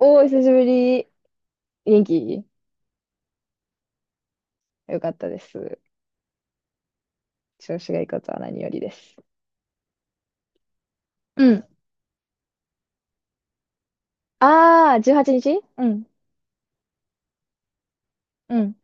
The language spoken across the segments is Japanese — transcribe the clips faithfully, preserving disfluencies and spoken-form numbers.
おー、久しぶり。元気よかったです。調子がいいことは何よりです。うん。ああ、じゅうはちにちうはちにちうん。うん。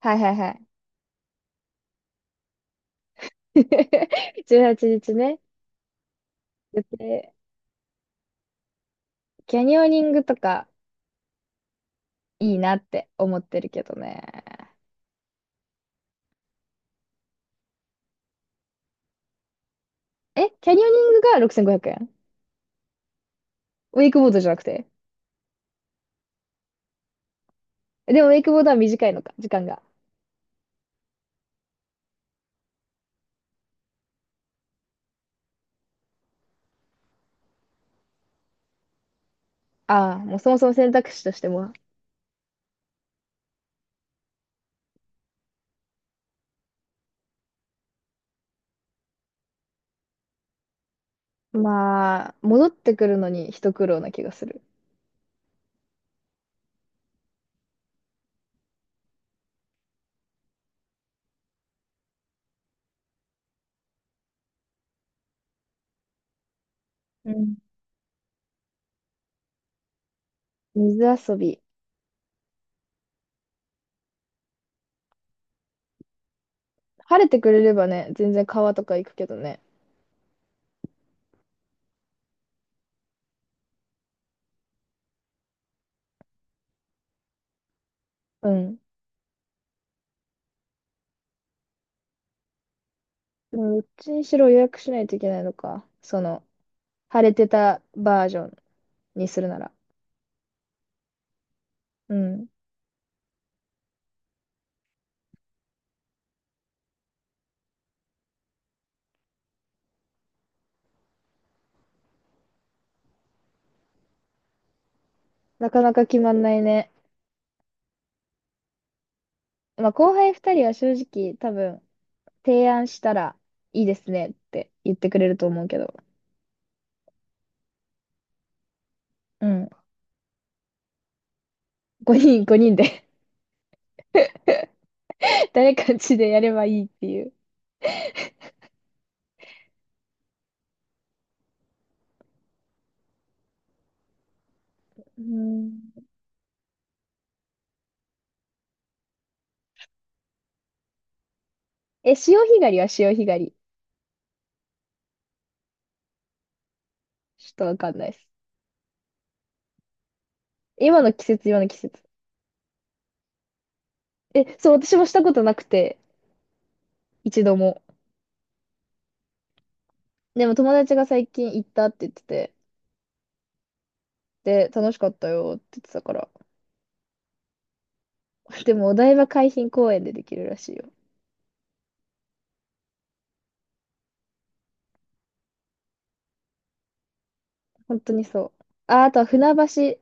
はいはいはい。じゅうはちにちね。予定キャニオニングとかいいなって思ってるけどね。え、キャニオニングがろくせんごひゃくえんウェイクボードじゃなくて。でもウェイクボードは短いのか、時間が。ああ、もうそもそも選択肢としても。まあ、戻ってくるのに一苦労な気がする。うん水遊び。晴れてくれればね、全然川とか行くけどね。うん。でも、どっちにしろ予約しないといけないのか。その、晴れてたバージョンにするなら。うん。なかなか決まんないね。まあ、後輩二人は正直多分、提案したらいいですねって言ってくれると思うけど。うん。ごにん、ごにんで 誰かんちでやればいいっていう。うん。え、潮干狩りは潮干狩り。ちょっとわかんないです。今の季節、今の季節。え、そう、私もしたことなくて、一度も。でも友達が最近行ったって言ってて、で、楽しかったよって言ってたから。でもお台場海浜公園でできるらしいよ。本当にそう。あ、あとは船橋、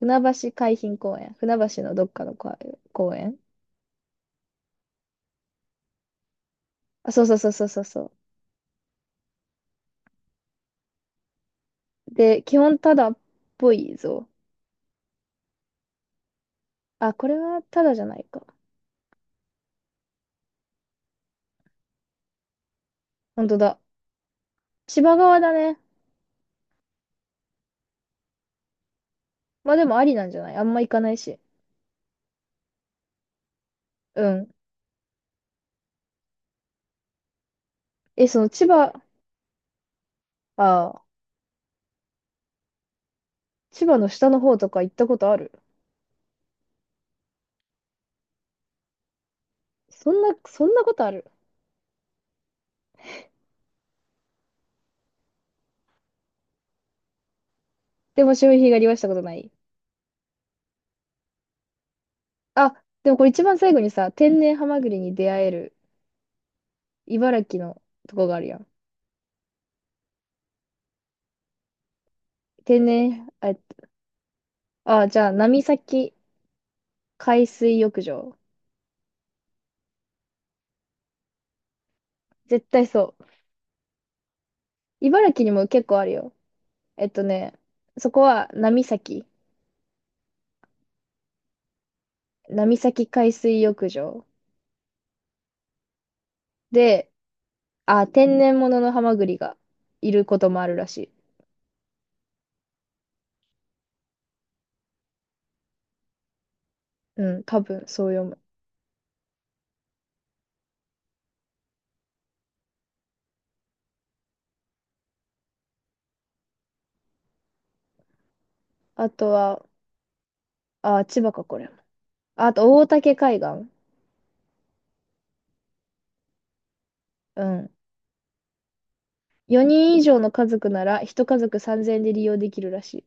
船橋海浜公園。船橋のどっかの公園。公園あ、そうそうそうそうそうそう。で、基本タダっぽいぞ。あ、これはタダじゃないか。本当だ。千葉側だね。まあでもありなんじゃないあんま行かないし。うん。え、その千葉、ああ、千葉の下の方とか行ったことあるそんな、そんなことあるでも潮干狩りはしたことない。あ、でもこれ一番最後にさ、天然ハマグリに出会える茨城のとこがあるやん。天然、あ、えっとあ、じゃあ、波崎海水浴場。絶対そう。茨城にも結構あるよ。えっとね、そこは波崎、波崎海水浴場で、あ、天然物のハマグリがいることもあるらしい。うん、多分そう読む。あとは、あ、千葉か、これも。あと、大竹海岸。うん。よにん以上の家族なら、いち家族さんぜんえんで利用できるらしい。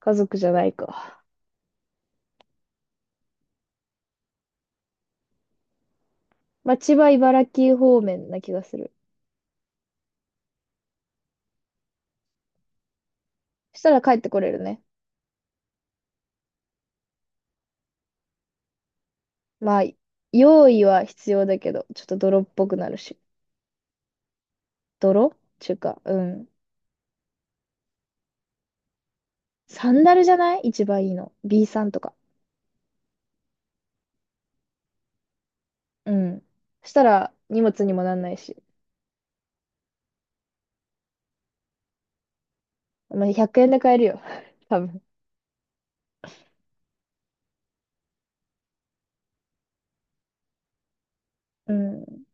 家族じゃないか。まあ、千葉、茨城方面な気がする。そしたら帰ってこれるね。まあ、用意は必要だけど、ちょっと泥っぽくなるし。泥ちゅうか、うん。サンダルじゃない一番いいの。B さんとか。うん。そしたら、荷物にもなんないし。まあ、ひゃくえんで買えるよ。多分。うん。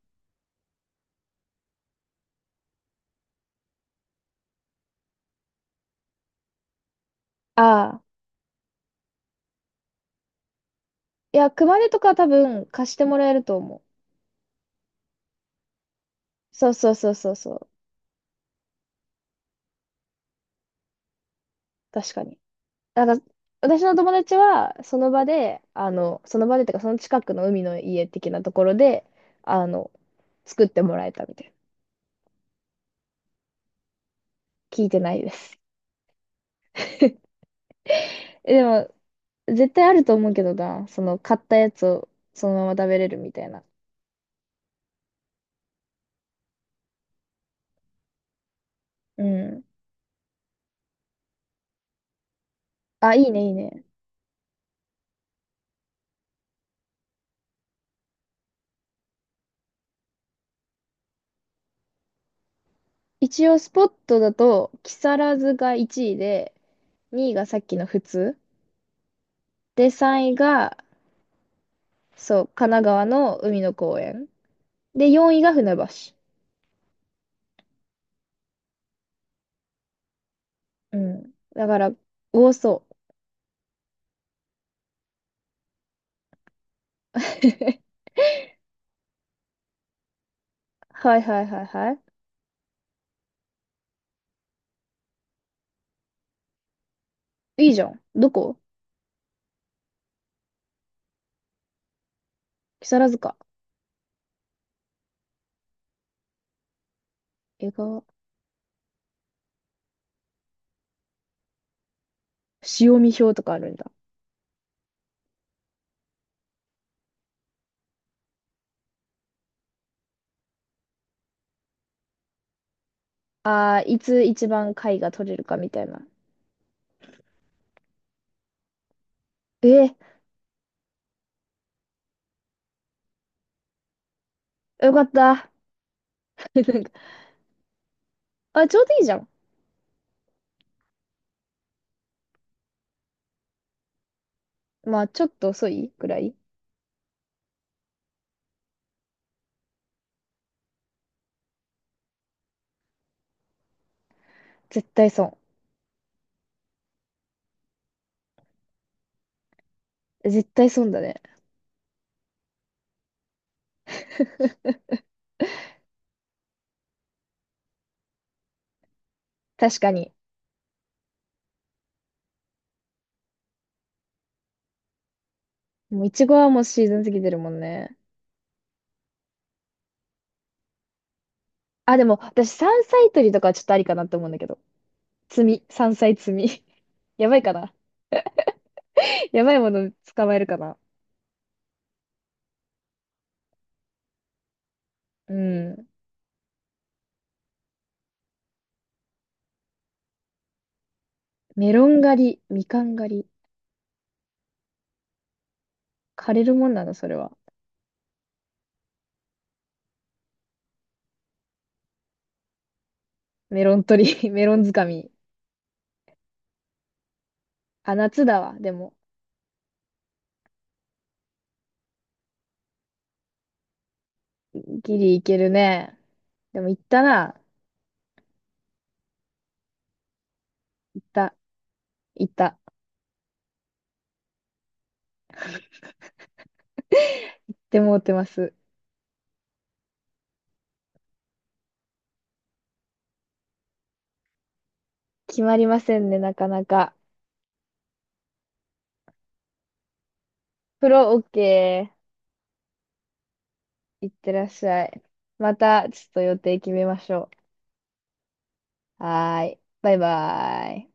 ああ。いや、熊手とか多分貸してもらえると思う。そうそうそうそうそう。確かに。あの、私の友達は、その場で、あの、その場でとか、その近くの海の家的なところで、あの、作ってもらえたみたいな。聞いてないです。え、でも、絶対あると思うけどな、その、買ったやつをそのまま食べれるみたいな。うん。あ、いいね、いいね。一応、スポットだと、木更津がいちいで、にいがさっきの普通。で、さんいが、そう、神奈川の海の公園。で、よんいが船橋。うん。だから、多そう。はいはいはいはい。いいじゃん。どこ木更津か。江川。潮見表とかあるんだ。ああ、いつ一番貝が取れるかみたいな。えー、よかった。なんか、あ、ちょうどいいじゃん。まあ、ちょっと遅いぐらい。絶対損。絶対損だね。確かに。もう、いちごはもうシーズン過ぎてるもんね。あ、でも、私、山菜採りとかはちょっとありかなって思うんだけど。摘み。山菜摘み。やばいかな。やばいもの捕まえるかな。うん。メロン狩り、みかん狩り。枯れるもんなの、それは。メロン取り、メロン掴み。あ、夏だわ。でも、ギリいけるね。でも、行ったな。行った、行った。って思ってます。決まりませんね、なかなか。プロオッケー。いってらっしゃい。また、ちょっと予定決めましょう。はーい。バイバーイ。